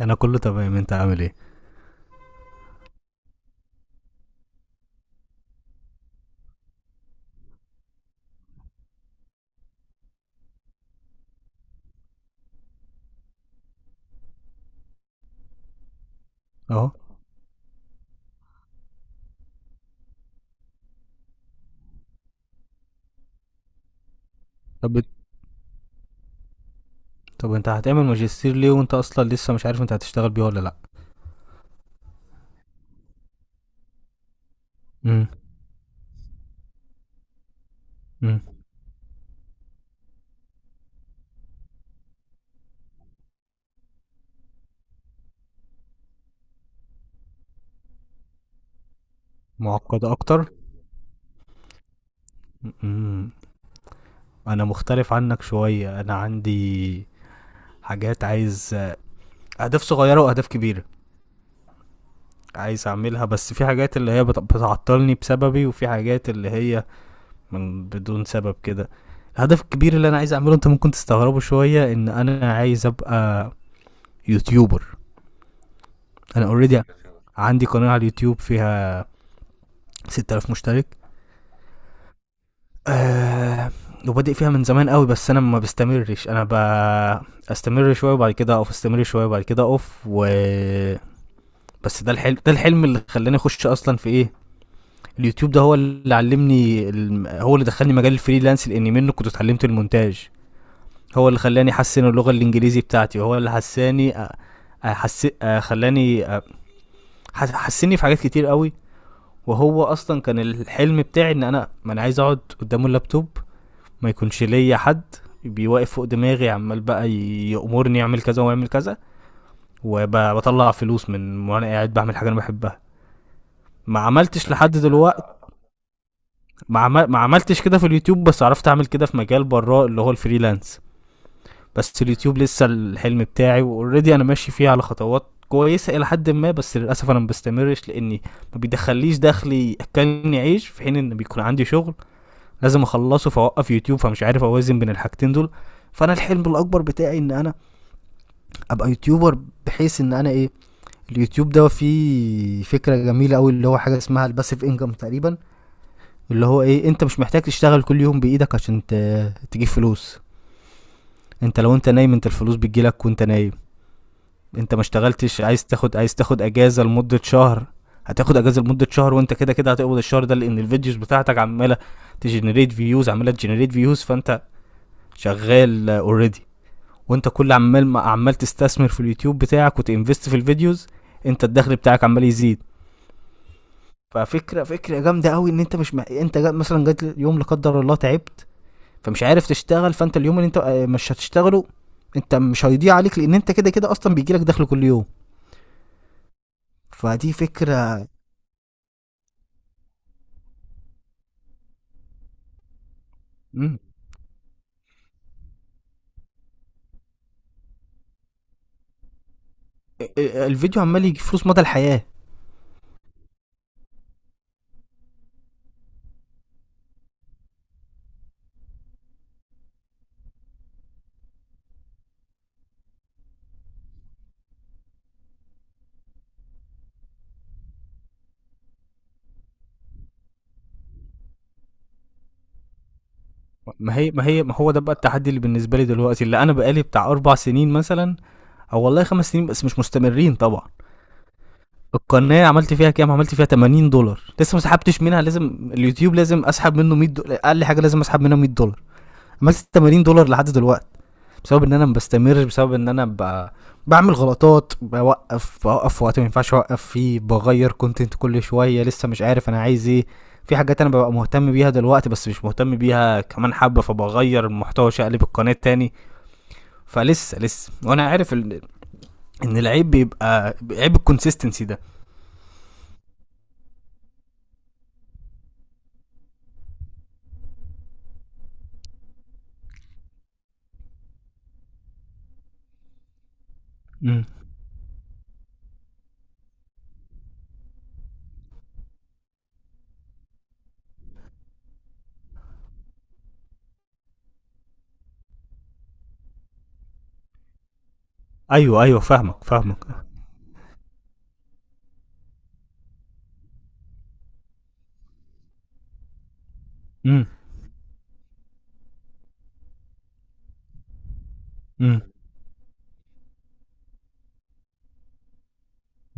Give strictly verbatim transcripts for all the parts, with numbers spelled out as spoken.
انا كله تمام، انت عامل ايه؟ اهو. طب طب انت هتعمل ماجستير ليه وانت اصلا لسه مش عارف انت هتشتغل بيه ولا لا؟ امم امم معقده اكتر. امم. انا مختلف عنك شويه، انا عندي حاجات عايز، اهداف صغيره واهداف كبيره عايز اعملها، بس في حاجات اللي هي بت- بتعطلني بسببي وفي حاجات اللي هي من بدون سبب كده. الهدف الكبير اللي انا عايز اعمله انت ممكن تستغربه شويه، ان انا عايز ابقى يوتيوبر. انا اوريدي عندي قناه على اليوتيوب فيها ست آلاف مشترك. آه. وبادئ فيها من زمان قوي، بس انا ما بستمرش، انا ب... استمر شويه وبعد كده اقف، استمر شويه وبعد كده اقف. و بس ده الحلم، ده الحلم اللي خلاني اخش اصلا في ايه، اليوتيوب. ده هو اللي علمني الم- هو اللي دخلني مجال الفريلانس، لان منه كنت اتعلمت المونتاج. هو اللي خلاني احسن اللغه الانجليزي بتاعتي، وهو اللي حساني أ- أحس... أ- خلاني أ- ح- حسني في حاجات كتير قوي. وهو اصلا كان الحلم بتاعي، ان انا ما انا عايز اقعد قدام اللابتوب، ما يكونش ليا حد بيوقف فوق دماغي عمال بقى يأمرني اعمل كذا واعمل كذا، وبطلع فلوس من وانا قاعد بعمل حاجه انا بحبها. ما عملتش لحد دلوقتي. ما, عمل... ما عملتش كده في اليوتيوب، بس عرفت اعمل كده في مجال براه اللي هو الفريلانس. بس اليوتيوب لسه الحلم بتاعي، واوريدي انا ماشي فيه على خطوات كويسه الى حد ما، بس للاسف انا ما بستمرش لاني ما بيدخليش دخلي ياكلني عيش، في حين ان بيكون عندي شغل لازم اخلصه فاوقف يوتيوب، فمش عارف اوازن بين الحاجتين دول. فانا الحلم الاكبر بتاعي ان انا ابقى يوتيوبر، بحيث ان انا ايه، اليوتيوب ده فيه فكره جميله قوي اللي هو حاجه اسمها الباسيف انجم تقريبا، اللي هو ايه، انت مش محتاج تشتغل كل يوم بايدك عشان ت- تجيب فلوس. انت لو انت نايم، انت الفلوس بتجيلك وانت نايم. انت ما اشتغلتش، عايز تاخد، عايز تاخد اجازه لمده شهر، هتاخد اجازه لمده شهر، وانت كده كده هتقبض الشهر ده، لان الفيديوز بتاعتك عماله تجنريت فيوز، عماله تجنريت فيوز، فانت شغال اوريدي. وانت كل عمال ما عمال تستثمر في اليوتيوب بتاعك وتنفست في الفيديوز، انت الدخل بتاعك عمال يزيد. ففكره، فكره جامده قوي ان انت مش م... انت جا... مثلا جات يوم لا قدر الله تعبت، فمش عارف تشتغل، فانت اليوم اللي انت آه، مش هتشتغله، انت مش هيضيع عليك، لان انت كده كده اصلا بيجي لك دخل كل يوم. فدي فكره. مم. الفيديو عمال يجي فلوس مدى الحياه. ما هي ما هي ما هو ده بقى التحدي اللي بالنسبه لي دلوقتي، اللي انا بقالي بتاع اربع سنين مثلا، او والله خمس سنين، بس مش مستمرين طبعا. القناه عملت فيها كام، عملت فيها تمانين دولار. لسه ما سحبتش منها، لازم اليوتيوب، لازم اسحب منه مية دولار اقل حاجه، لازم اسحب منها مية دولار. عملت تمانين دولار لحد دلوقتي، بسبب ان انا ما بستمرش، بسبب ان انا ب... بعمل غلطات، بوقف، بوقف في وقت ما ينفعش اوقف فيه، بغير كونتنت كل شويه، لسه مش عارف انا عايز ايه. في حاجات انا ببقى مهتم بيها دلوقتي بس مش مهتم بيها كمان حبه، فبغير المحتوى، اقلب القناه تاني. فلسه لسه وانا عارف ال- ان العيب بيبقى عيب الكونسيستنسي ده. م. ايوه، ايوه، فاهمك، فاهمك. امم امم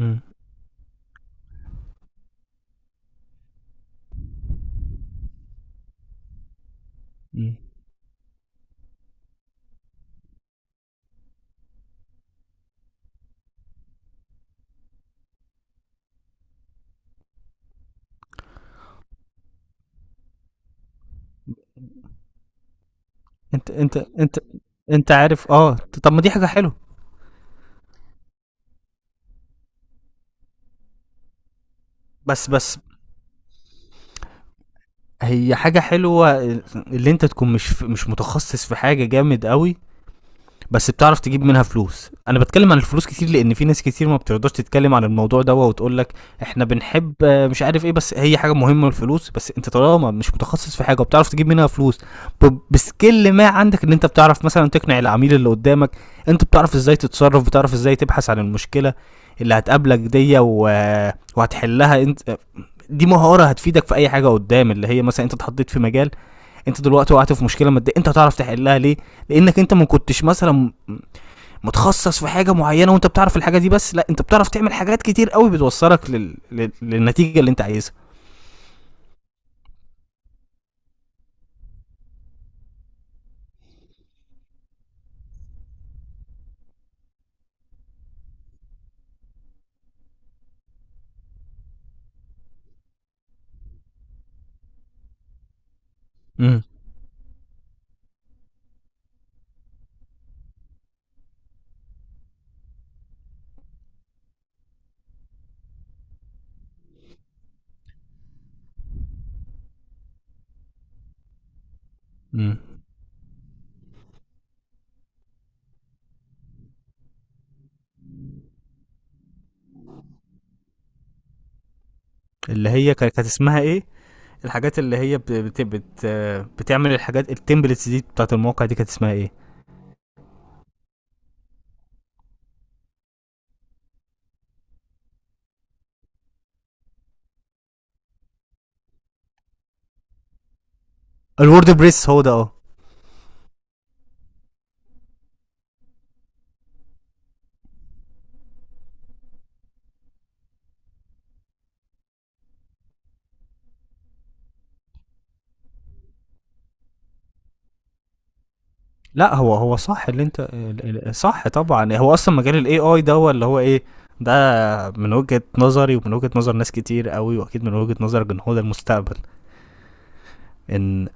امم أمم. انت انت انت انت عارف، اه طب ما دي حاجه حلوه. بس بس هي حاجه حلوه اللي انت تكون مش مش متخصص في حاجه جامد قوي، بس بتعرف تجيب منها فلوس. انا بتكلم عن الفلوس كتير، لان في ناس كتير ما بترضاش تتكلم عن الموضوع ده، وتقول لك احنا بنحب آه، مش عارف ايه، بس هي حاجه مهمه الفلوس. بس انت طالما مش متخصص في حاجه وبتعرف تجيب منها فلوس، ب- بسكيل ما عندك، ان انت بتعرف مثلا تقنع العميل اللي قدامك، انت بتعرف ازاي تتصرف، بتعرف ازاي تبحث عن المشكله اللي هتقابلك دي و... وهتحلها انت. دي مهاره هتفيدك في اي حاجه قدام، اللي هي مثلا انت اتحطيت في مجال، انت دلوقتي وقعت في مشكله ماديه، انت هتعرف تحلها ليه؟ لانك انت ما كنتش مثلا متخصص في حاجه معينه وانت بتعرف الحاجه دي بس، لا انت بتعرف تعمل حاجات كتير قوي بتوصلك لل... لل... للنتيجه اللي انت عايزها. امم. امم. اللي هي كانت اسمها ايه، الحاجات اللي هي بت... بت... بت... بتعمل الحاجات التمبلتس دي بتاعت المواقع دي كانت اسمها ايه؟ الورد بريس هو ده، اه. لا هو هو صح، اللي انت ال- ال- صح طبعا. هو اصلا مجال الاي اي ده هو اللي هو ايه ده، من وجهة نظري ومن وجهة نظر ناس كتير قوي، واكيد من وجهة نظر جمهور المستقبل، ان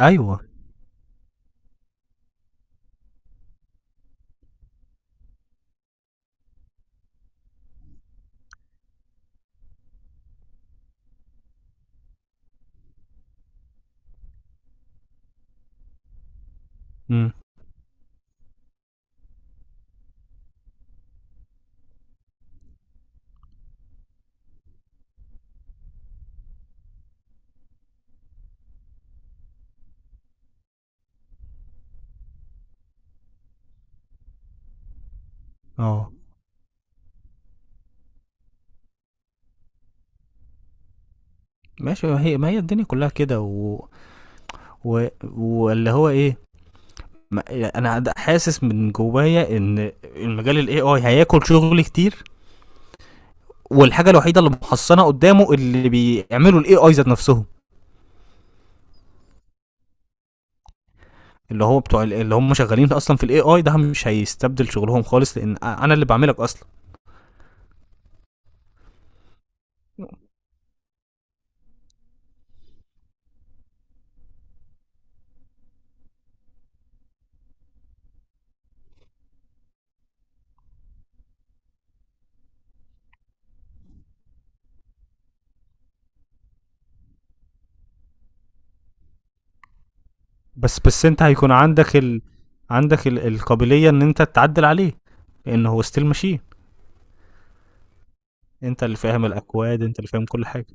ايوه. امم. اه. ماشي. ما هي ما هي الدنيا كلها كده و... و... واللي هو ايه، ما... انا د- حاسس من جوايا ان المجال الاي اي هياكل شغل كتير، والحاجه الوحيده اللي محصنه قدامه اللي بيعملوا الاي اي ذات نفسهم، اللي هو بتوع ال- اللي هم شغالين اصلا في الاي اي، ده مش هيستبدل شغلهم خالص، لان أ- انا اللي بعملك اصلا. بس بس انت هيكون عندك ال... عندك ال... القابليه ان انت تعدل عليه، لان هو ستيل ماشين. انت اللي فاهم الاكواد، انت اللي فاهم كل حاجه.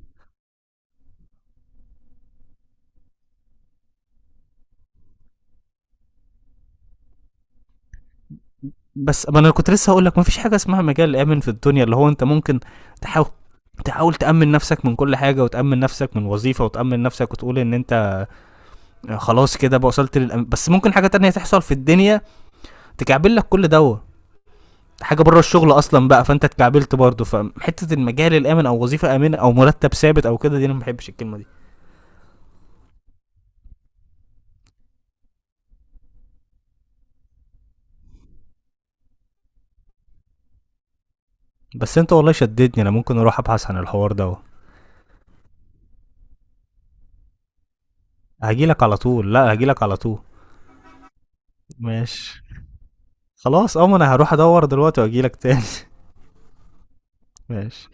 بس ما انا كنت لسه هقول لك، ما فيش حاجه اسمها مجال امن في الدنيا. اللي هو انت ممكن تحاول تحاول تأمن نفسك من كل حاجة، وتأمن نفسك من وظيفة، وتأمن نفسك، وتقول إن أنت خلاص كده بقى وصلت للأم... بس ممكن حاجة تانية تحصل في الدنيا تكعبل لك كل دوا، حاجة بره الشغل أصلا بقى، فأنت اتكعبلت برضه. فحتة المجال الآمن أو وظيفة آمنة أو مرتب ثابت أو كده، دي أنا ما بحبش الكلمة دي. بس أنت والله شددني، أنا ممكن أروح أبحث عن الحوار ده. هجيلك على طول، لا هجيلك على طول. ماشي. خلاص أه، ما أنا هروح أدور دلوقتي وأجيلك تاني. ماشي.